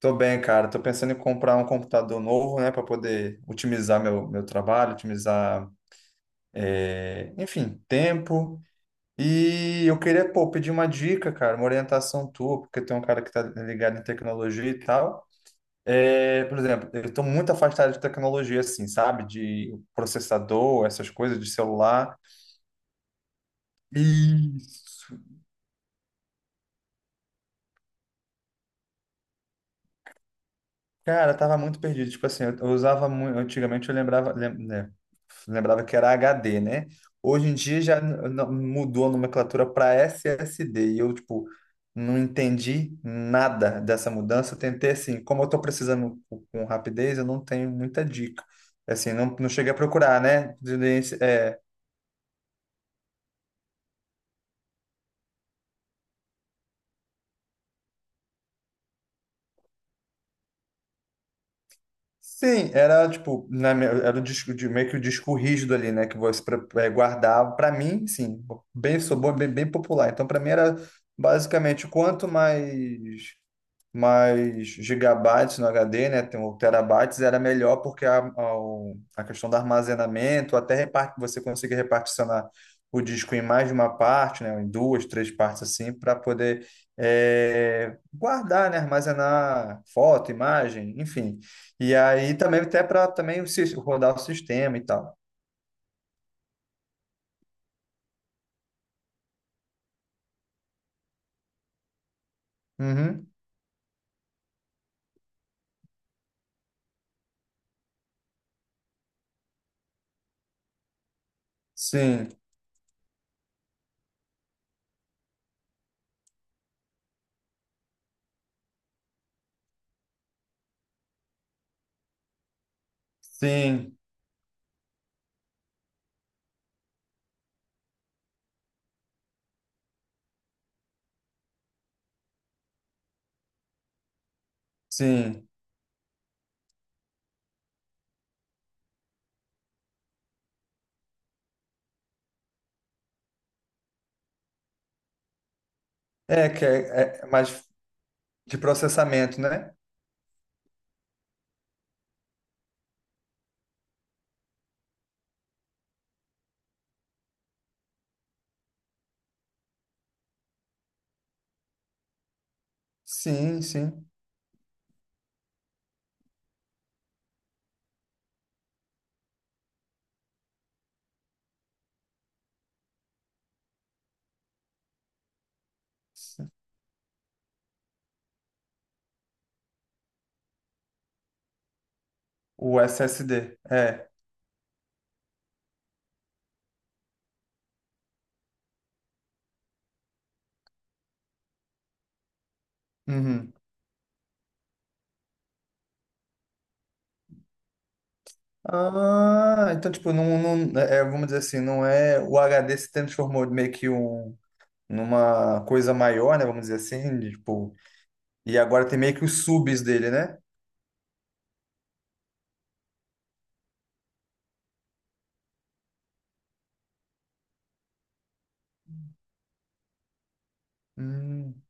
Tô bem, cara. Tô pensando em comprar um computador novo, né, para poder otimizar meu trabalho, otimizar, enfim, tempo. E eu queria, pô, pedir uma dica, cara, uma orientação tua, porque tem um cara que tá ligado em tecnologia e tal. É, por exemplo, eu tô muito afastado de tecnologia, assim, sabe? De processador, essas coisas, de celular. Isso. Cara, eu tava muito perdido. Tipo assim, eu usava muito. Antigamente eu lembrava, né, lembrava que era HD, né? Hoje em dia já mudou a nomenclatura para SSD. E eu, tipo, não entendi nada dessa mudança. Eu tentei, assim, como eu tô precisando com rapidez, eu não tenho muita dica. Assim, não cheguei a procurar, né? Sim, era tipo, era um disco de meio que o disco rígido ali, né? Que você guardava. Para mim, sim, bem, sou bom, bem, bem popular. Então, para mim era basicamente quanto mais mas gigabytes no HD, né, tem o terabytes, era melhor porque a questão do armazenamento, você conseguir reparticionar o disco em mais de uma parte, né, em duas, três partes assim, para poder guardar, né, armazenar foto, imagem, enfim. E aí também até para também rodar o sistema e tal. Uhum. Sim, sim, sim. É mais de processamento, né? Sim, sim. O SSD, é. Uhum. Ah, então, tipo, não, não, é, é, vamos dizer assim, não é. O HD se transformou meio que um, numa coisa maior, né? Vamos dizer assim, de, tipo. E agora tem meio que os subs dele, né? Hum,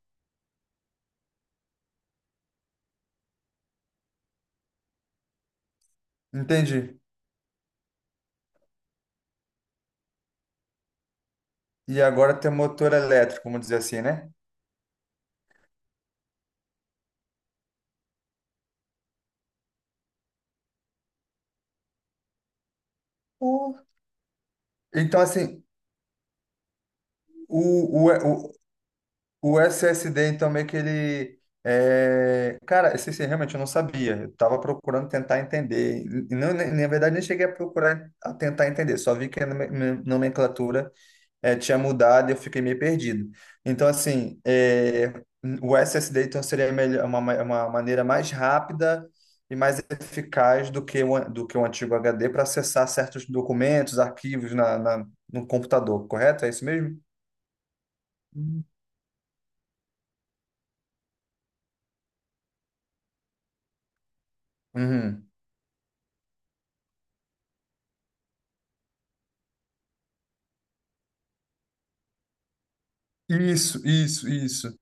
entendi. E agora tem motor elétrico, vamos dizer assim, né? Oh. Então, assim, o, o, O SSD, então, meio que ele. Cara, esse realmente eu não sabia. Eu tava procurando tentar entender. E não, na verdade, nem cheguei a procurar a tentar entender. Só vi que a nomenclatura tinha mudado e eu fiquei meio perdido. Então, assim, o SSD então, seria melhor, uma maneira mais rápida e mais eficaz do que do que o antigo HD para acessar certos documentos, arquivos no computador, correto? É isso mesmo? Hum. Uhum. Isso, isso, isso.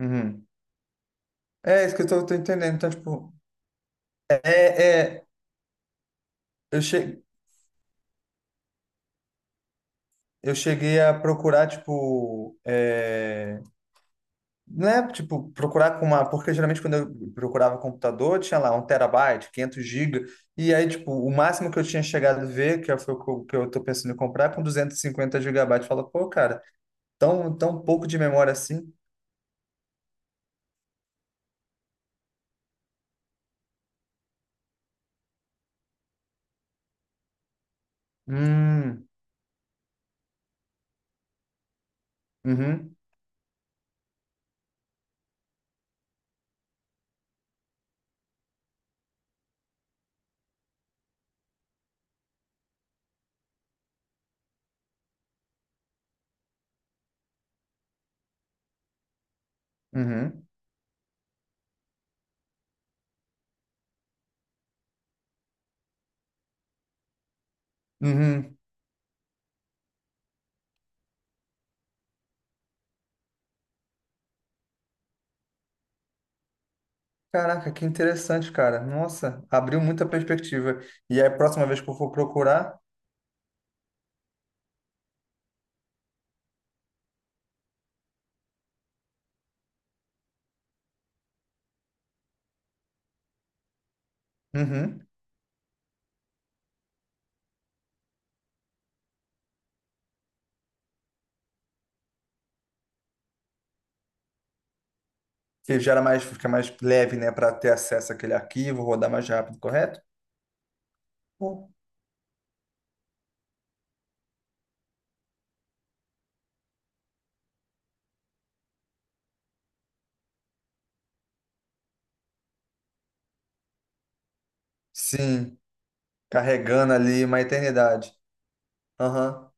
Uhum. É isso que eu tô entendendo. Então, tipo, é, é, eu che... eu cheguei a procurar, tipo, não é, tipo, procurar com uma... Porque geralmente quando eu procurava computador, tinha lá um terabyte, 500 gigas, e aí, tipo, o máximo que eu tinha chegado a ver, que foi o que eu tô pensando em comprar, é com 250 gigabytes. Fala, pô, cara, tão pouco de memória assim? Hum, uhum, uhum, uhum. Caraca, que interessante, cara. Nossa, abriu muita perspectiva. E aí, a próxima vez que eu for procurar, uhum, que gera mais, fica mais leve, né, para ter acesso àquele arquivo, rodar mais rápido, correto? Pô. Sim, carregando ali uma eternidade. Aham,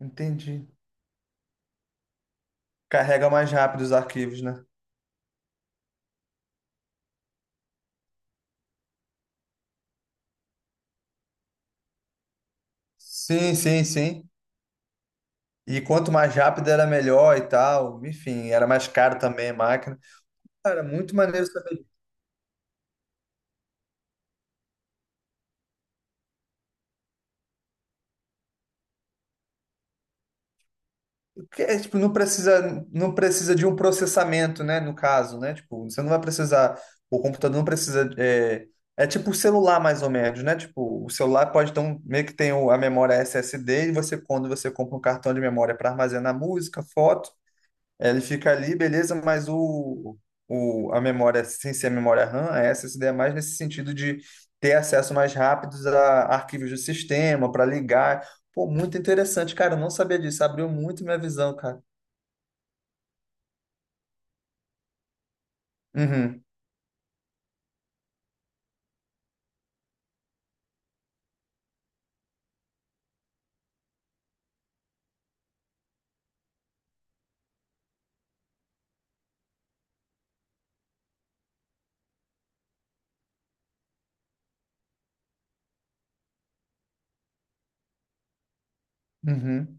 entendi. Carrega mais rápido os arquivos, né? Sim, sim, sim. E quanto mais rápido era melhor e tal. Enfim, era mais caro também a máquina. Cara, muito maneiro saber. Que é, tipo, não precisa de um processamento, né? No caso, né? Tipo, você não vai precisar, o computador não precisa. É, é tipo o celular, mais ou menos, né? Tipo, o celular pode ter um, meio que tem a memória SSD, e você, quando você compra um cartão de memória para armazenar música, foto, ele fica ali, beleza, mas a memória, sem ser a memória RAM, a SSD é mais nesse sentido de ter acesso mais rápido a arquivos do sistema, para ligar. Pô, muito interessante, cara. Eu não sabia disso. Abriu muito minha visão, cara. Uhum, uhum.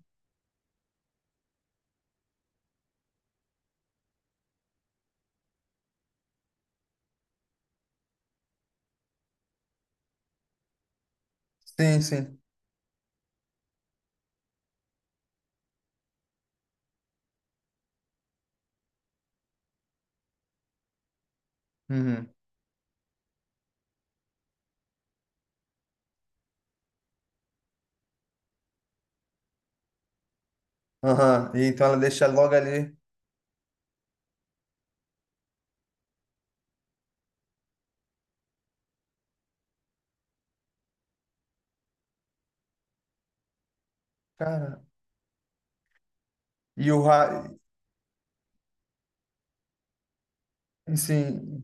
Sim, sim. Uhum. Aham. E então ela deixa logo ali. Cara. E o ra- sim,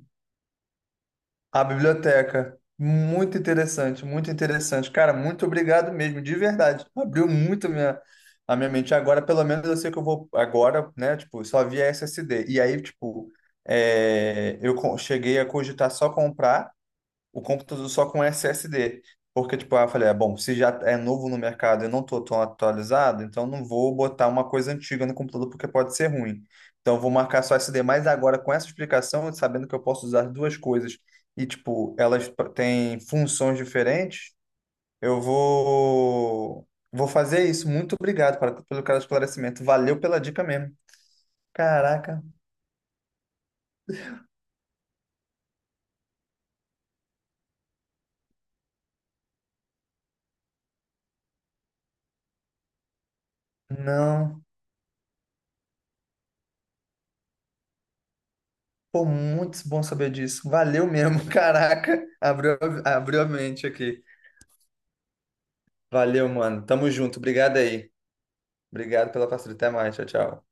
a biblioteca. Muito interessante, muito interessante. Cara, muito obrigado mesmo, de verdade. Abriu muito a minha mente. Agora, pelo menos, eu sei que eu vou agora, né? Tipo, só via SSD. E aí, tipo, eu cheguei a cogitar só comprar o computador só com SSD. Porque, tipo, ah, eu falei, ah, bom, se já é novo no mercado e eu não tô tão atualizado, então não vou botar uma coisa antiga no computador porque pode ser ruim. Então eu vou marcar só SD. Mas agora, com essa explicação, sabendo que eu posso usar duas coisas e, tipo, elas têm funções diferentes, eu vou. Vou fazer isso. Muito obrigado para, pelo cara esclarecimento. Valeu pela dica mesmo. Caraca, não. Pô, muito bom saber disso. Valeu mesmo, caraca. Abriu, abriu a mente aqui. Valeu, mano. Tamo junto. Obrigado aí. Obrigado pela parceria. Até mais. Tchau, tchau.